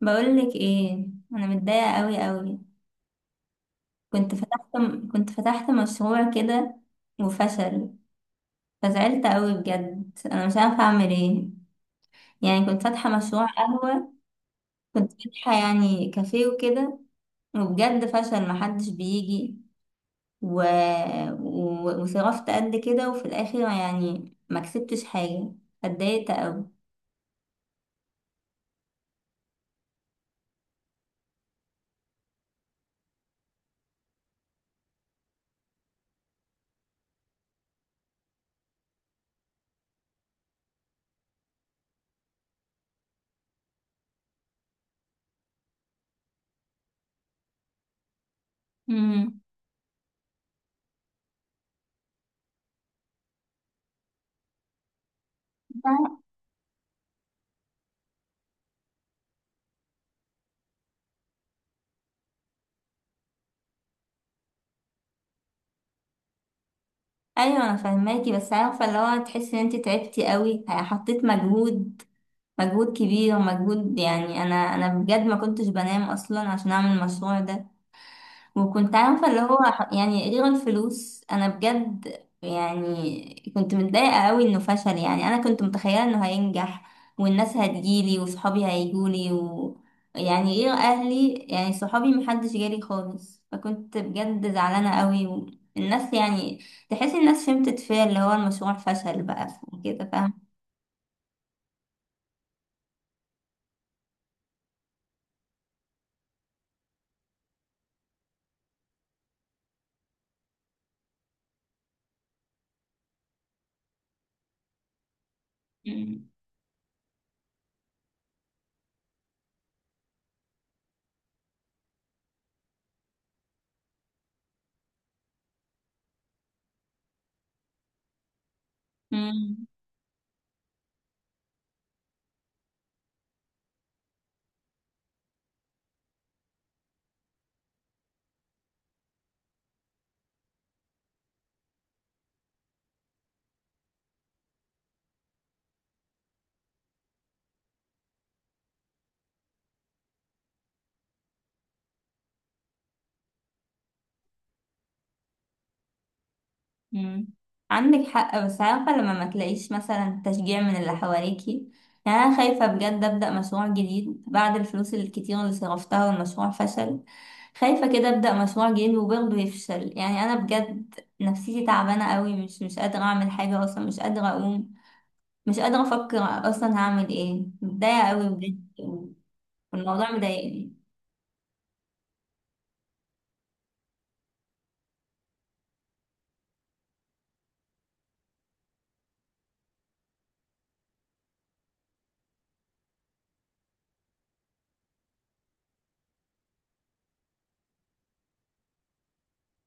بقولك ايه؟ انا متضايقه قوي قوي. كنت فتحت كنت فتحت مشروع كده وفشل. فزعلت قوي بجد انا مش عارفه اعمل ايه. يعني كنت فاتحه مشروع قهوه. كنت فاتحه يعني كافيه وكده. وبجد فشل محدش بيجي. و... وصرفت قد كده وفي الاخر يعني ما كسبتش حاجه. اتضايقت قوي. امم. ايوه، انا فاهماكي بس عارفه اللي هو تحسي ان انت تعبتي قوي حطيت مجهود. مجهود كبير ومجهود، يعني انا بجد ما كنتش بنام اصلا عشان اعمل المشروع ده. وكنت عارفه اللي هو يعني غير الفلوس، انا بجد يعني كنت متضايقه قوي انه فشل. يعني انا كنت متخيله انه هينجح والناس هتجيلي وصحابي هيجولي يعني غير اهلي يعني صحابي محدش جالي خالص، فكنت بجد زعلانه قوي. والناس يعني تحس الناس فهمت فيا اللي هو المشروع فشل بقى وكده، فاهم؟ مم. مم. عندك حق، بس عارفة لما ما تلاقيش مثلا تشجيع من اللي حواليكي. يعني أنا خايفة بجد أبدأ مشروع جديد بعد الفلوس الكتير اللي صرفتها والمشروع فشل. خايفة كده أبدأ مشروع جديد وبرضه يفشل. يعني أنا بجد نفسيتي تعبانة قوي، مش قادرة أعمل حاجة أصلا، مش قادرة أقوم، مش قادرة أفكر أصلا. هعمل إيه؟ متضايقة قوي بجد، والموضوع مضايقني.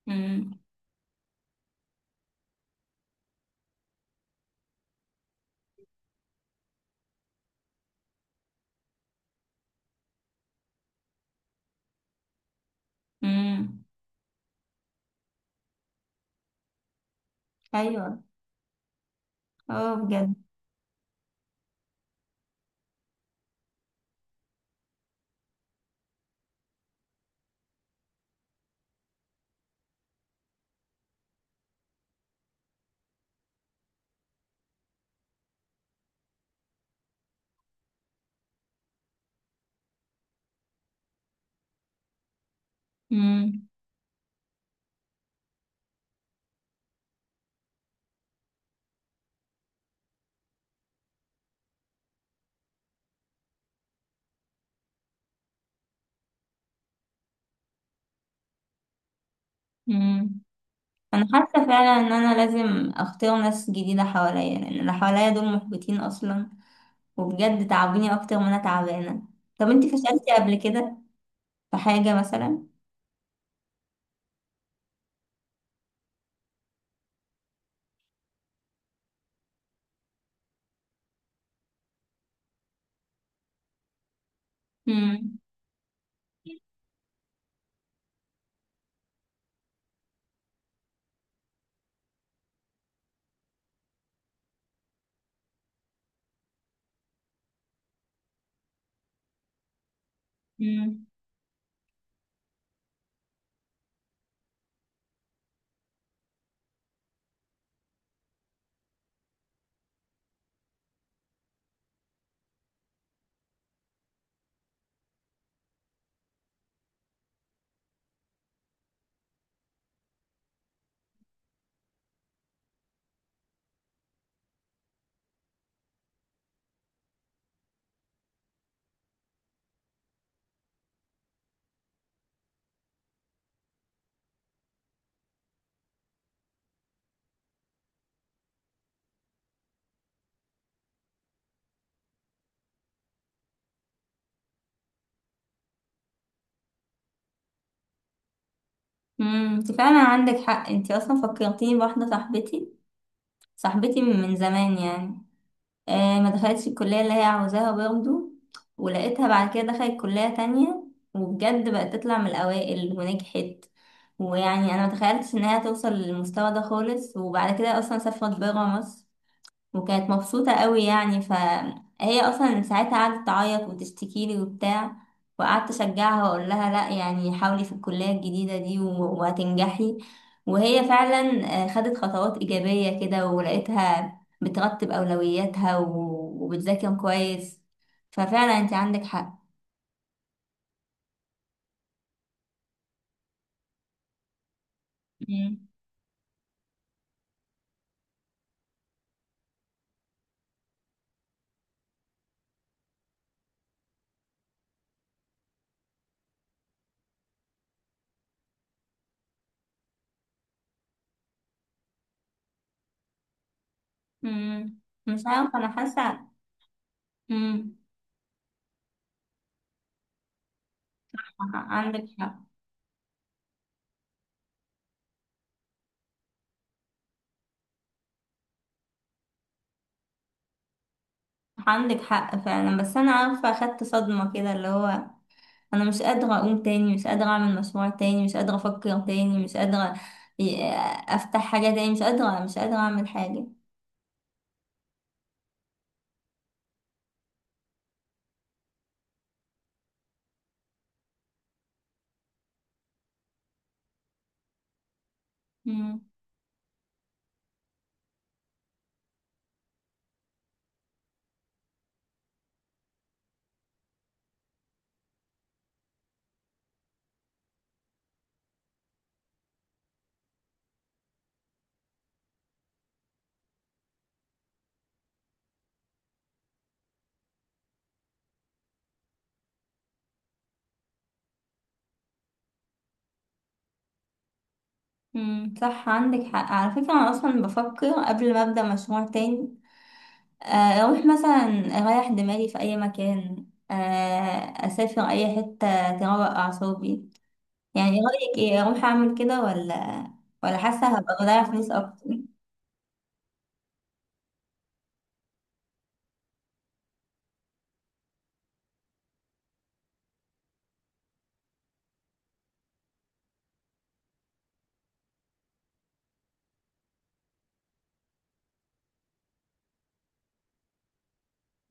مم. مم. أيوه. أه، بجد. مم. مم. انا حاسه فعلا ان انا لازم اختار ناس جديده حواليا، لان اللي حواليا دول محبطين اصلا وبجد تعبوني اكتر ما انا تعبانه. طب انت فشلتي قبل كده في حاجه مثلا؟ امم امم امم. انت فعلا عندك حق. انت اصلا فكرتيني بواحده. صاحبتي، صاحبتي من زمان يعني، ما دخلتش الكلية اللي هي عاوزاها برضه. ولقيتها بعد كده دخلت كلية تانية وبجد بقت تطلع من الأوائل ونجحت. ويعني أنا متخيلتش إنها توصل للمستوى ده خالص، وبعد كده أصلا سافرت برا مصر وكانت مبسوطة قوي. يعني فهي أصلا ساعتها قعدت تعيط وتشتكي لي وبتاع، وقعدت أشجعها وأقول لها لأ يعني حاولي في الكلية الجديدة دي وهتنجحي. وهي فعلا خدت خطوات إيجابية كده، ولقيتها بترتب أولوياتها وبتذاكر كويس. ففعلا أنت عندك حق. مم. مم. مش عارفة، أنا حاسة. مم. عندك حق. عندك حق فعلا، بس أنا عارفة أخدت صدمة كده اللي هو انا مش قادرة اقوم تاني، مش قادرة اعمل مشروع تاني، مش قادرة افكر تاني، مش قادرة ي- افتح حاجة تاني، مش قادرة مش قادرة اعمل حاجة. مم. مم. صح عندك حق على فكرة. انا اصلا بفكر قبل ما ابدأ مشروع تاني آه، اروح مثلا اريح دماغي في اي مكان، اسافر اي حتة تروق اعصابي. يعني إيه رأيك؟ ايه، اروح اعمل كده ولا حاسة هبقى بضيع فلوس اكتر؟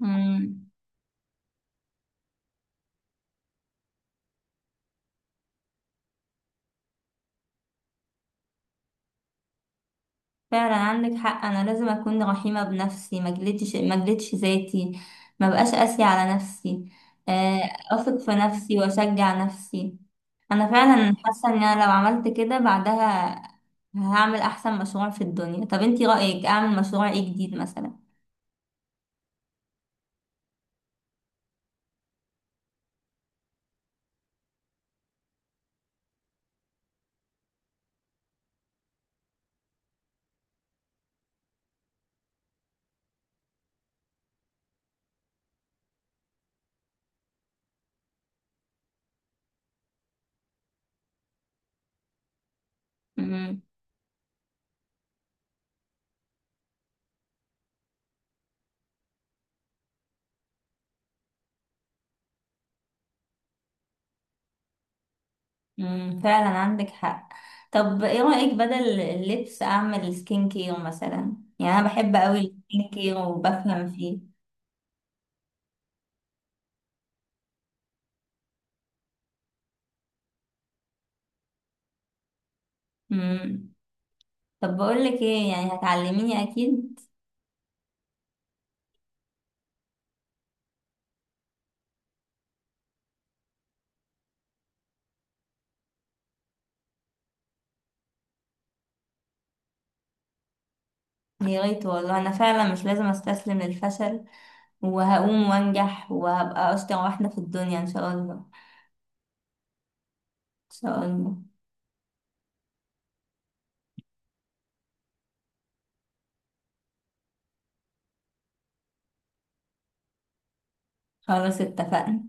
مم. فعلا عندك حق. انا لازم اكون رحيمه بنفسي، ما جلدش ذاتي، ما بقاش قاسيه على نفسي، آه، اثق في نفسي واشجع نفسي. انا فعلا حاسه ان انا لو عملت كده بعدها هعمل احسن مشروع في الدنيا. طب انتي رايك اعمل مشروع ايه جديد مثلا؟ امم أمم، فعلا عندك حق. طب ايه رايك بدل اللبس اعمل سكين كير مثلا؟ يعني انا بحب قوي السكين كير وبفهم فيه. مم. طب بقولك ايه، يعني هتعلميني اكيد؟ يا ريت والله. انا فعلا مش لازم استسلم للفشل، وهقوم وانجح وهبقى اشطر واحدة في الدنيا ان شاء الله. ان شاء الله. خلاص اتفقنا.